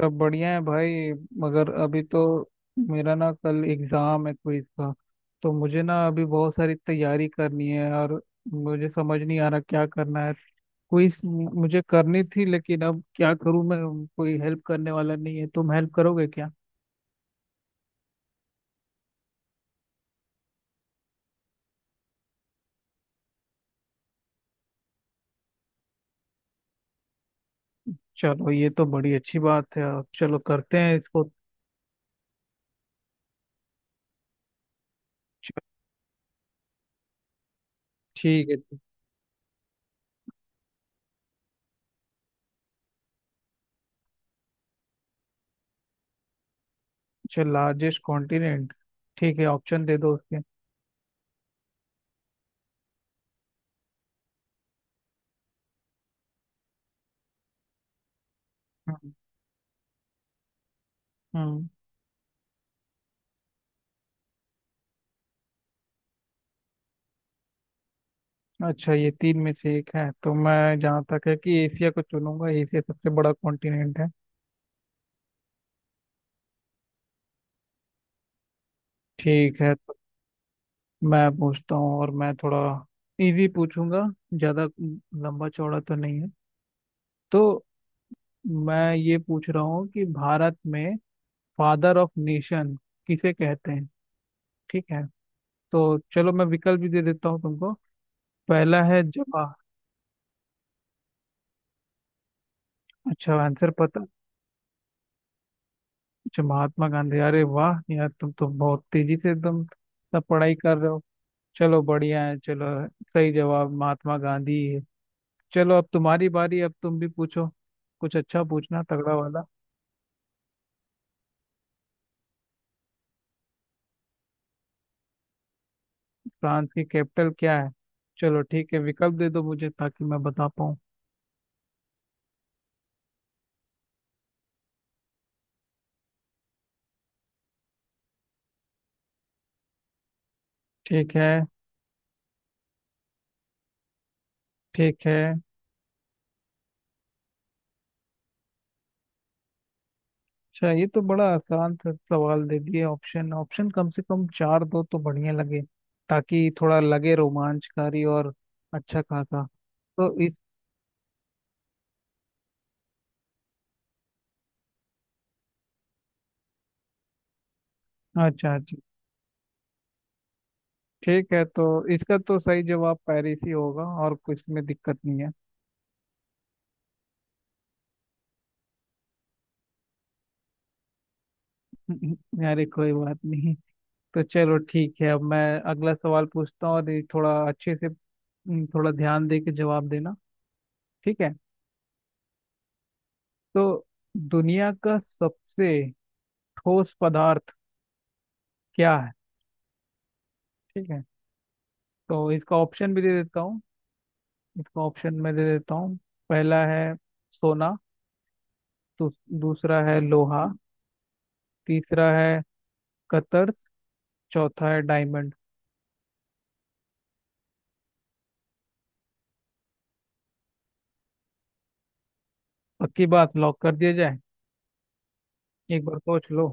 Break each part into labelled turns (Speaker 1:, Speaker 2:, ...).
Speaker 1: सब बढ़िया है भाई। मगर अभी तो मेरा ना कल एग्जाम है क्विज का। तो मुझे ना अभी बहुत सारी तैयारी करनी है और मुझे समझ नहीं आ रहा क्या करना है। क्विज मुझे करनी थी लेकिन अब क्या करूं मैं। कोई हेल्प करने वाला नहीं है, तुम हेल्प करोगे क्या। चलो ये तो बड़ी अच्छी बात है और चलो करते हैं इसको। च- ठीक है। चल लार्जेस्ट कॉन्टिनेंट ठीक है, ऑप्शन दे दो उसके। हम्म। हम्म। अच्छा ये तीन में से एक है तो मैं जहाँ तक है कि एशिया को चुनूंगा। एशिया सबसे बड़ा कॉन्टिनेंट है। ठीक है। तो मैं पूछता हूँ और मैं थोड़ा इजी पूछूंगा। ज़्यादा लंबा चौड़ा तो नहीं है। तो मैं ये पूछ रहा हूँ कि भारत में फादर ऑफ नेशन किसे कहते हैं। ठीक है। तो चलो मैं विकल्प भी दे देता हूँ तुमको। पहला है जवाहर। अच्छा, आंसर पता। अच्छा महात्मा गांधी। अरे वाह यार, तुम तो बहुत तेजी से एकदम सब पढ़ाई कर रहे हो। चलो बढ़िया है चलो। सही जवाब महात्मा गांधी है। चलो अब तुम्हारी बारी, अब तुम भी पूछो कुछ अच्छा, पूछना तगड़ा वाला। फ्रांस की कैपिटल क्या है। चलो ठीक है, विकल्प दे दो मुझे ताकि मैं बता पाऊँ। ठीक है। ठीक है। अच्छा ये तो बड़ा आसान सा सवाल दे दिए। ऑप्शन ऑप्शन कम से कम चार दो तो बढ़िया लगे, ताकि थोड़ा लगे रोमांचकारी और अच्छा खासा। तो इस। अच्छा अच्छा। ठीक है तो इसका तो सही जवाब पेरिस ही होगा, और कुछ में दिक्कत नहीं है। अरे कोई बात नहीं। तो चलो ठीक है, अब मैं अगला सवाल पूछता हूँ और ये थोड़ा अच्छे से थोड़ा ध्यान दे के जवाब देना। ठीक है। तो दुनिया का सबसे ठोस पदार्थ क्या है। ठीक है, तो इसका ऑप्शन भी दे देता हूँ। इसका ऑप्शन मैं दे देता हूँ। पहला है सोना। दू, दूसरा है लोहा। तीसरा है कतर्स। चौथा है डायमंड। पक्की बात, लॉक कर दिया जाए। एक बार सोच लो।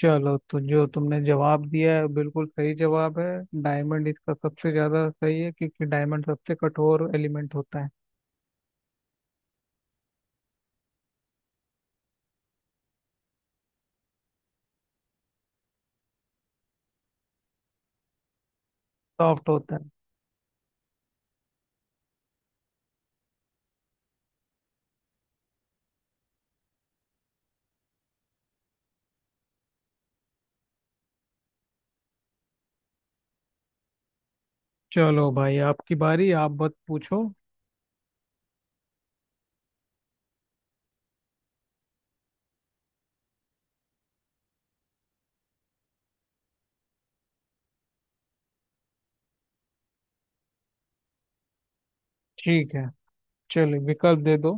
Speaker 1: चलो तो जो तुमने जवाब दिया है बिल्कुल सही जवाब है। डायमंड इसका सबसे ज्यादा सही है क्योंकि डायमंड सबसे कठोर एलिमेंट होता है। सॉफ्ट होता है। चलो भाई आपकी बारी, आप बस पूछो। ठीक है, चलो विकल्प दे दो।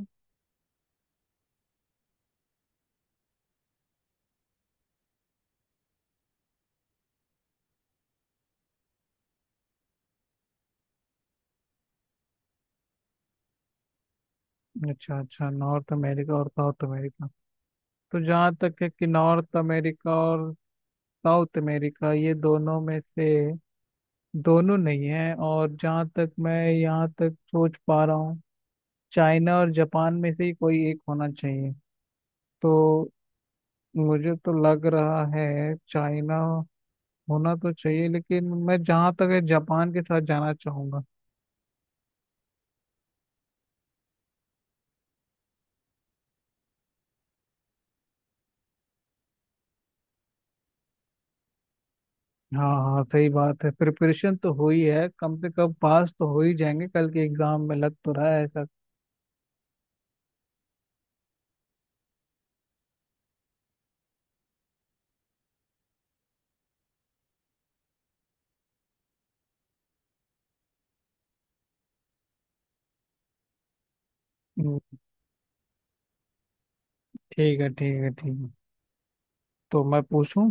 Speaker 1: अच्छा अच्छा, नॉर्थ अमेरिका और साउथ अमेरिका। तो जहाँ तक है कि नॉर्थ अमेरिका और साउथ अमेरिका ये दोनों में से दोनों नहीं है। और जहाँ तक मैं यहाँ तक सोच पा रहा हूँ, चाइना और जापान में से ही कोई एक होना चाहिए। तो मुझे तो लग रहा है चाइना होना तो चाहिए, लेकिन मैं जहाँ तक है जापान के साथ जाना चाहूंगा। हाँ हाँ सही बात है। प्रिपरेशन तो हुई है, कम से कम पास तो हो ही जाएंगे कल के एग्जाम में, लग तो रहा है ऐसा। हम्म, ठीक है ठीक है ठीक है। तो मैं पूछूं।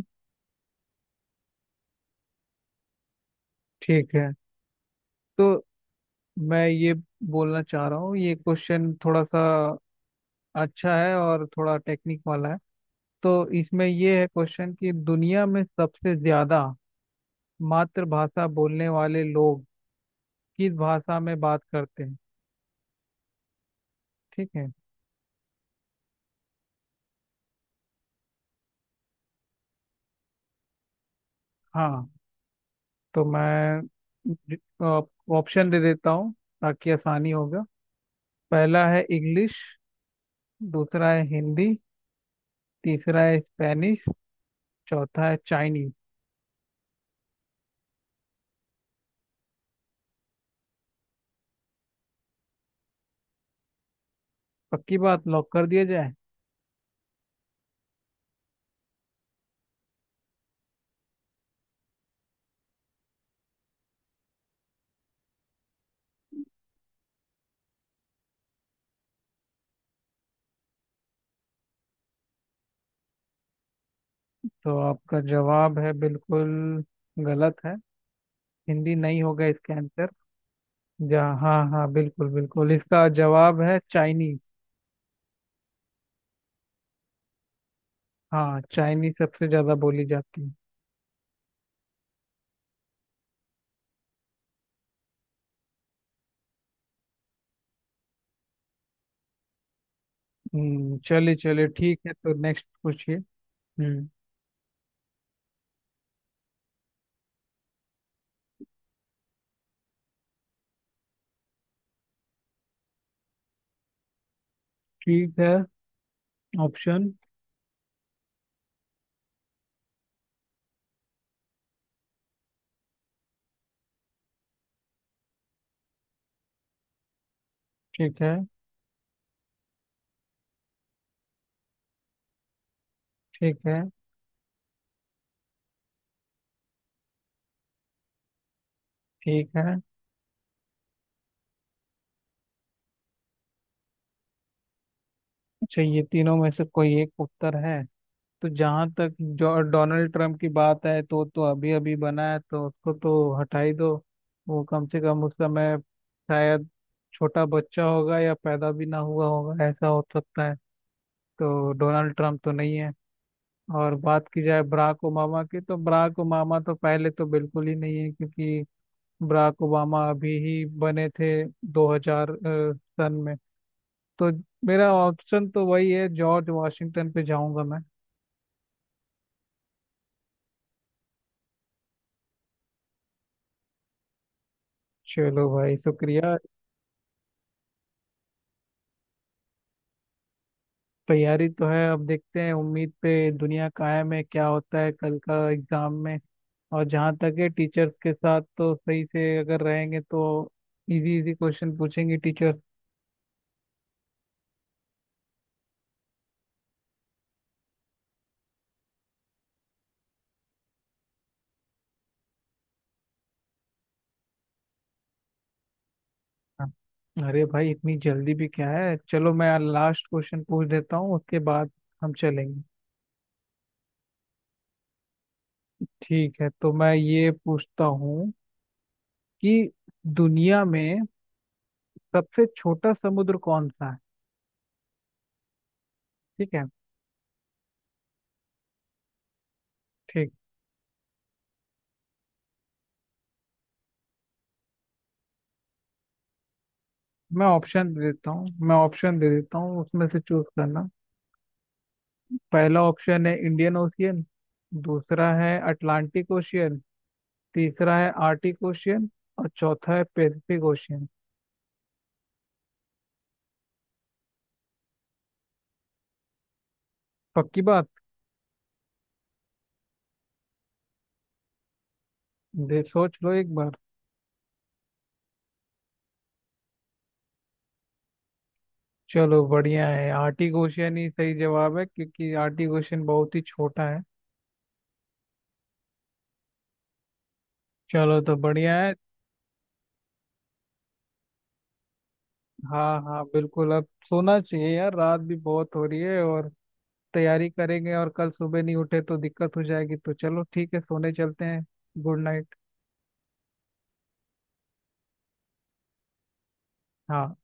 Speaker 1: ठीक है तो मैं ये बोलना चाह रहा हूँ, ये क्वेश्चन थोड़ा सा अच्छा है और थोड़ा टेक्निक वाला है। तो इसमें ये है क्वेश्चन कि दुनिया में सबसे ज्यादा मातृभाषा बोलने वाले लोग किस भाषा में बात करते हैं। ठीक है। हाँ। तो मैं ऑप्शन दे देता हूँ, ताकि आसानी होगा। पहला है इंग्लिश। दूसरा है हिंदी। तीसरा है स्पेनिश। चौथा है चाइनीज। पक्की बात, लॉक कर दिया जाए। तो आपका जवाब है बिल्कुल गलत है। हिंदी नहीं होगा इसका आंसर। जहाँ हाँ हाँ बिल्कुल बिल्कुल, इसका जवाब है चाइनीज। हाँ चाइनीज सबसे ज्यादा बोली जाती है। चलिए चलिए, ठीक है तो नेक्स्ट पूछिए। हम्म। ठीक है, ऑप्शन। ठीक है ठीक है ठीक है। अच्छा ये तीनों में से कोई एक उत्तर है। तो जहाँ तक जो डोनाल्ड ट्रंप की बात है तो अभी अभी बना है तो उसको तो हटा ही दो। वो कम से कम उस समय शायद छोटा बच्चा होगा या पैदा भी ना हुआ होगा, ऐसा हो सकता है। तो डोनाल्ड ट्रंप तो नहीं है। और बात की जाए बराक ओबामा की, तो बराक ओबामा तो पहले तो बिल्कुल ही नहीं है क्योंकि बराक ओबामा अभी ही बने थे 2000 सन में। तो मेरा ऑप्शन तो वही है, जॉर्ज वाशिंगटन पे जाऊंगा मैं। चलो भाई शुक्रिया। तैयारी तो है, अब देखते हैं उम्मीद पे दुनिया कायम है, क्या होता है कल का एग्जाम में। और जहाँ तक है टीचर्स के साथ तो सही से अगर रहेंगे तो इजी इजी क्वेश्चन पूछेंगे टीचर्स। अरे भाई इतनी जल्दी भी क्या है, चलो मैं लास्ट क्वेश्चन पूछ देता हूँ उसके बाद हम चलेंगे। ठीक है तो मैं ये पूछता हूँ कि दुनिया में सबसे छोटा समुद्र कौन सा है। ठीक है। ठीक। मैं ऑप्शन दे देता हूँ, मैं ऑप्शन दे देता हूँ, उसमें से चूज करना। पहला ऑप्शन है इंडियन ओशियन। दूसरा है अटलांटिक ओशियन। तीसरा है आर्टिक ओशियन। और चौथा है पैसिफिक ओशियन। पक्की बात, दे सोच लो एक बार। चलो बढ़िया है, आर्टिक ओशियन ही सही जवाब है क्योंकि आर्टिक ओशियन बहुत ही छोटा है। चलो तो बढ़िया है। हाँ हाँ बिल्कुल, अब सोना चाहिए यार, रात भी बहुत हो रही है और तैयारी करेंगे और कल सुबह नहीं उठे तो दिक्कत हो जाएगी। तो चलो ठीक है सोने चलते हैं। Good night. हाँ।